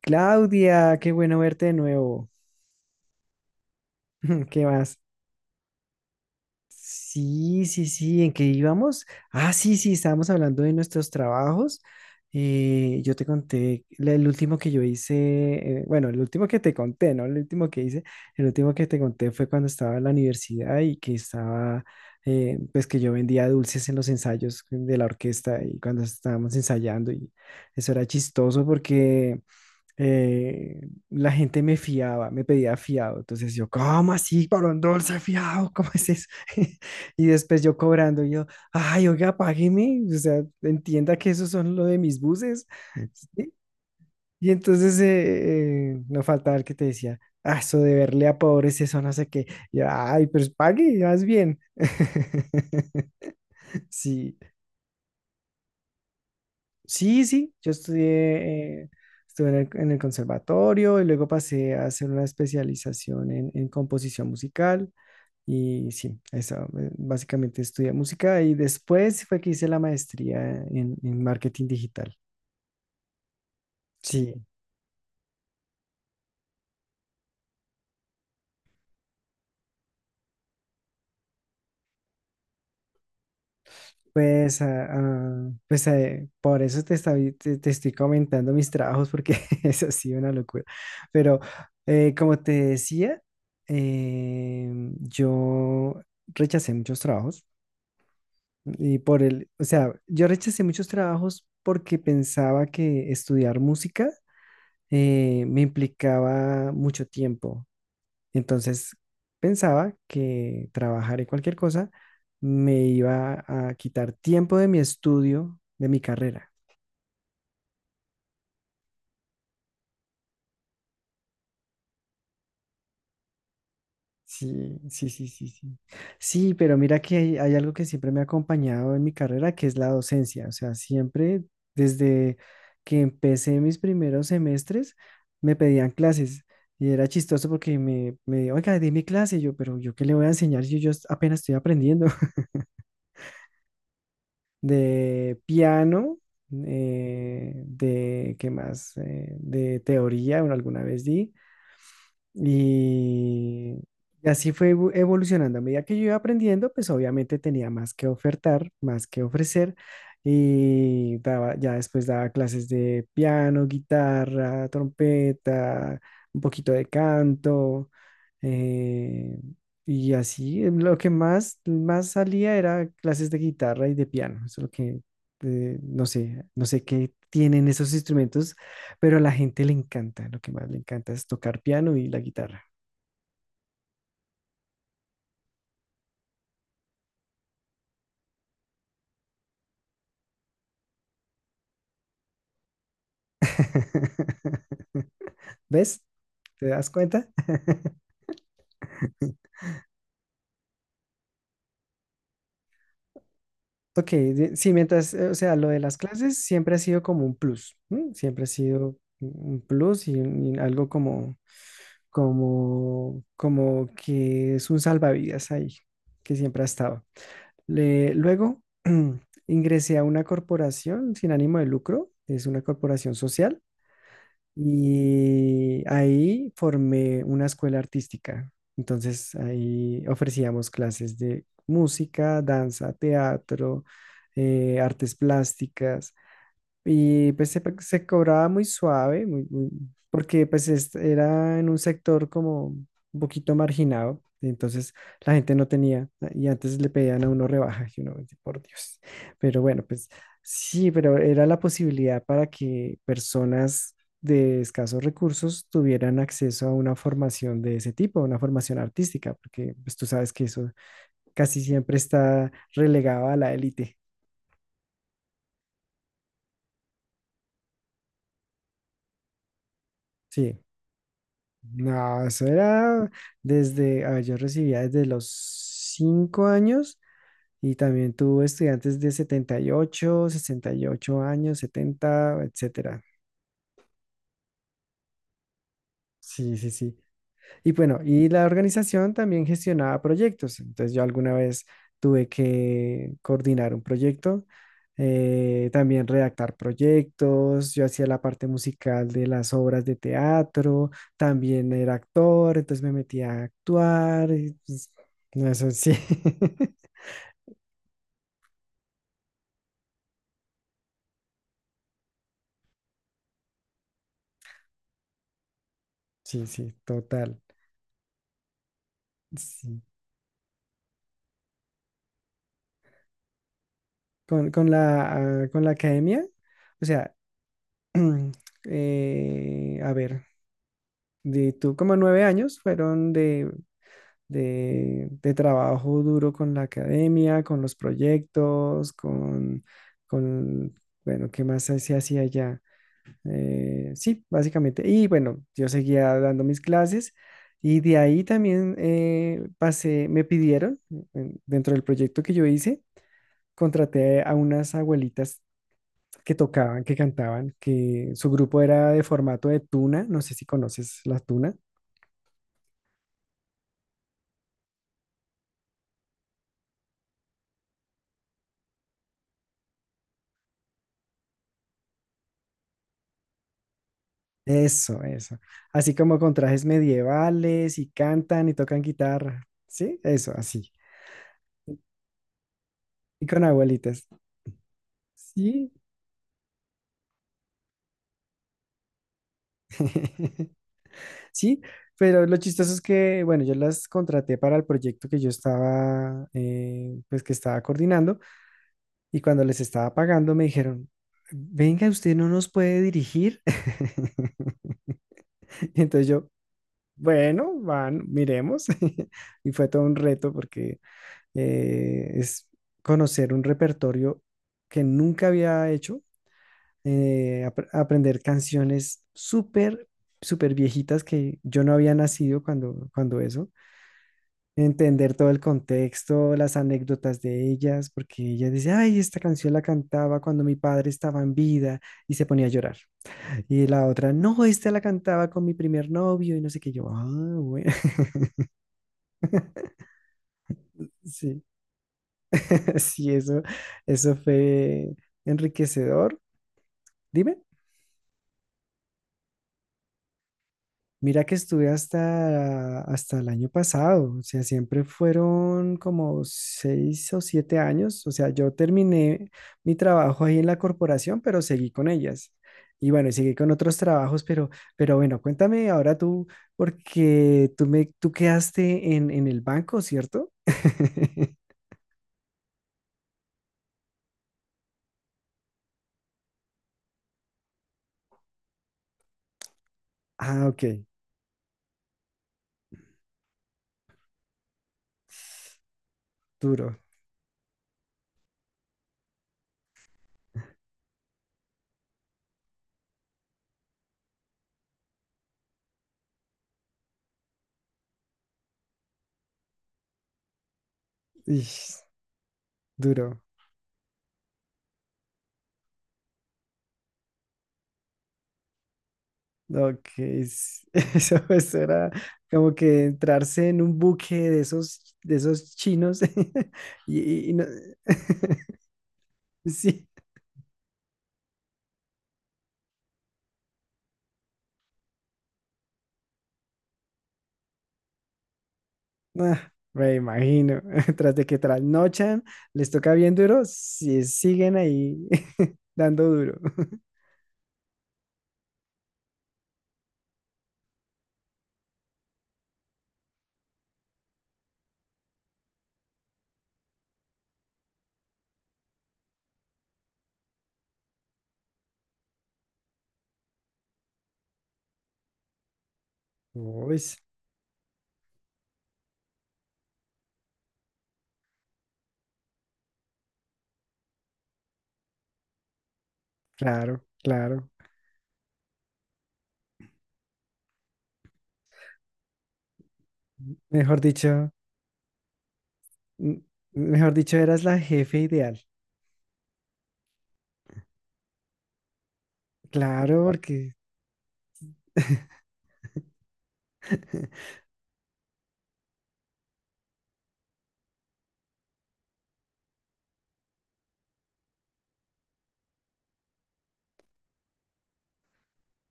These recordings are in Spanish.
Claudia, qué bueno verte de nuevo. ¿Qué más? Sí, sí, sí, ¿en qué íbamos? Ah, sí, sí, estábamos hablando de nuestros trabajos. Yo te conté el último que yo hice, bueno, el último que te conté, ¿no? El último que hice, el último que te conté fue cuando estaba en la universidad y que estaba, pues que yo vendía dulces en los ensayos de la orquesta y cuando estábamos ensayando, y eso era chistoso porque... eh, la gente me fiaba, me pedía fiado. Entonces yo, ¿cómo así, varón dulce, fiado? ¿Cómo es eso? Y después yo cobrando, yo, ay, oiga, págueme, o sea, entienda que esos son lo de mis buses. ¿Sí? Y entonces no faltaba el que te decía, ah, eso de verle a pobres, eso no sé qué. Y, ay, pues pague, vas bien. Sí, sí, sí, yo estudié, estuve en en el conservatorio y luego pasé a hacer una especialización en composición musical y sí, eso, básicamente estudié música y después fue que hice la maestría en marketing digital. Sí, pues por eso te estoy comentando mis trabajos porque es así una locura. Pero como te decía, eh, yo rechacé muchos trabajos. O sea, yo rechacé muchos trabajos porque pensaba que estudiar música me implicaba mucho tiempo. Entonces pensaba que trabajar en cualquier cosa me iba a quitar tiempo de mi estudio, de mi carrera. Sí, sí, sí, sí, sí. Sí, pero mira que hay algo que siempre me ha acompañado en mi carrera, que es la docencia. O sea, siempre desde que empecé mis primeros semestres, me pedían clases. Y era chistoso porque oiga, dime clase. Yo, pero ¿yo qué le voy a enseñar si yo apenas estoy aprendiendo? De piano, de, ¿qué más? De teoría, bueno, alguna vez di. Y, y así fue evolucionando. A medida que yo iba aprendiendo, pues obviamente tenía más que ofertar, más que ofrecer. Y daba, ya después daba clases de piano, guitarra, trompeta, un poquito de canto. eh, lo que más, más salía era clases de guitarra y de piano. Eso es lo que, no sé, no sé qué tienen esos instrumentos, pero a la gente le encanta, lo que más le encanta es tocar piano y la guitarra. ¿Ves? ¿Te das cuenta? Ok, sí, mientras, o sea, lo de las clases siempre ha sido como un plus, ¿m? Siempre ha sido un plus y, y algo como, como, como que es un salvavidas ahí, que siempre ha estado. Luego ingresé a una corporación sin ánimo de lucro, es una corporación social. Y ahí formé una escuela artística. Entonces ahí ofrecíamos clases de música, danza, teatro, artes plásticas. Y pues se cobraba muy suave, porque pues era en un sector como un poquito marginado, entonces la gente no tenía, y antes le pedían a uno rebaja, y uno, por Dios. Pero bueno, pues sí, pero era la posibilidad para que personas de escasos recursos tuvieran acceso a una formación de ese tipo, una formación artística, porque pues tú sabes que eso casi siempre está relegado a la élite. Sí. No, eso era desde, a ver, yo recibía desde los 5 años y también tuve estudiantes de 78, 68 años, 70, etcétera. Sí, sí, sí. Y bueno, y la organización también gestionaba proyectos. Entonces yo alguna vez tuve que coordinar un proyecto, también redactar proyectos, yo hacía la parte musical de las obras de teatro, también era actor, entonces me metía a actuar. Y, pues, no, eso sí. Sí, sí, total. Sí. Con la, ah, con la academia, o sea, a ver, de tú como 9 años fueron de de trabajo duro con la academia, con los proyectos, con, bueno, ¿qué más se hacía allá? Sí, básicamente. Y bueno, yo seguía dando mis clases y de ahí también pasé, me pidieron, dentro del proyecto que yo hice, contraté a unas abuelitas que tocaban, que cantaban, que su grupo era de formato de tuna, no sé si conoces la tuna. Eso, eso. Así como con trajes medievales y cantan y tocan guitarra. ¿Sí? Eso, así. Y con abuelitas. Sí. Sí, pero lo chistoso es que, bueno, yo las contraté para el proyecto que yo estaba, pues que estaba coordinando, y cuando les estaba pagando me dijeron, venga, usted no nos puede dirigir. Entonces yo, bueno, van, miremos. Y fue todo un reto porque es conocer un repertorio que nunca había hecho, aprender canciones súper, súper viejitas que yo no había nacido cuando, cuando eso, entender todo el contexto, las anécdotas de ellas, porque ella dice, ay, esta canción la cantaba cuando mi padre estaba en vida y se ponía a llorar. Y la otra, no, esta la cantaba con mi primer novio y no sé qué, yo, ah, bueno, sí, sí, eso fue enriquecedor. Dime, mira que estuve hasta, hasta el año pasado, o sea, siempre fueron como 6 o 7 años, o sea, yo terminé mi trabajo ahí en la corporación, pero seguí con ellas. Y bueno, y seguí con otros trabajos, pero bueno, cuéntame ahora tú, porque tú quedaste en el banco, ¿cierto? Ah, ok, duro, ish, duro. Ok, eso era como que entrarse en un buque de esos chinos. Y, y- y no- sí, ah, me imagino. Tras de que trasnochan, les toca bien duro, si siguen ahí dando duro. Uy, claro, claro. Mejor dicho, m- mejor dicho, eras la jefe ideal. Claro, porque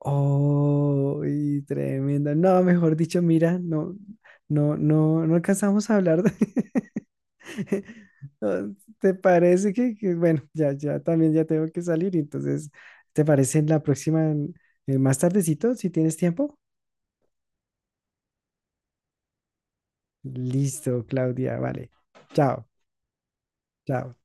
oh, y tremendo. No, mejor dicho, mira, no, no, no, no alcanzamos a hablar de- No, ¿te parece que, bueno, ya, ya también ya tengo que salir, entonces, ¿te parece en la próxima, en más tardecito, si tienes tiempo? Listo, Claudia, vale. Chao, chao.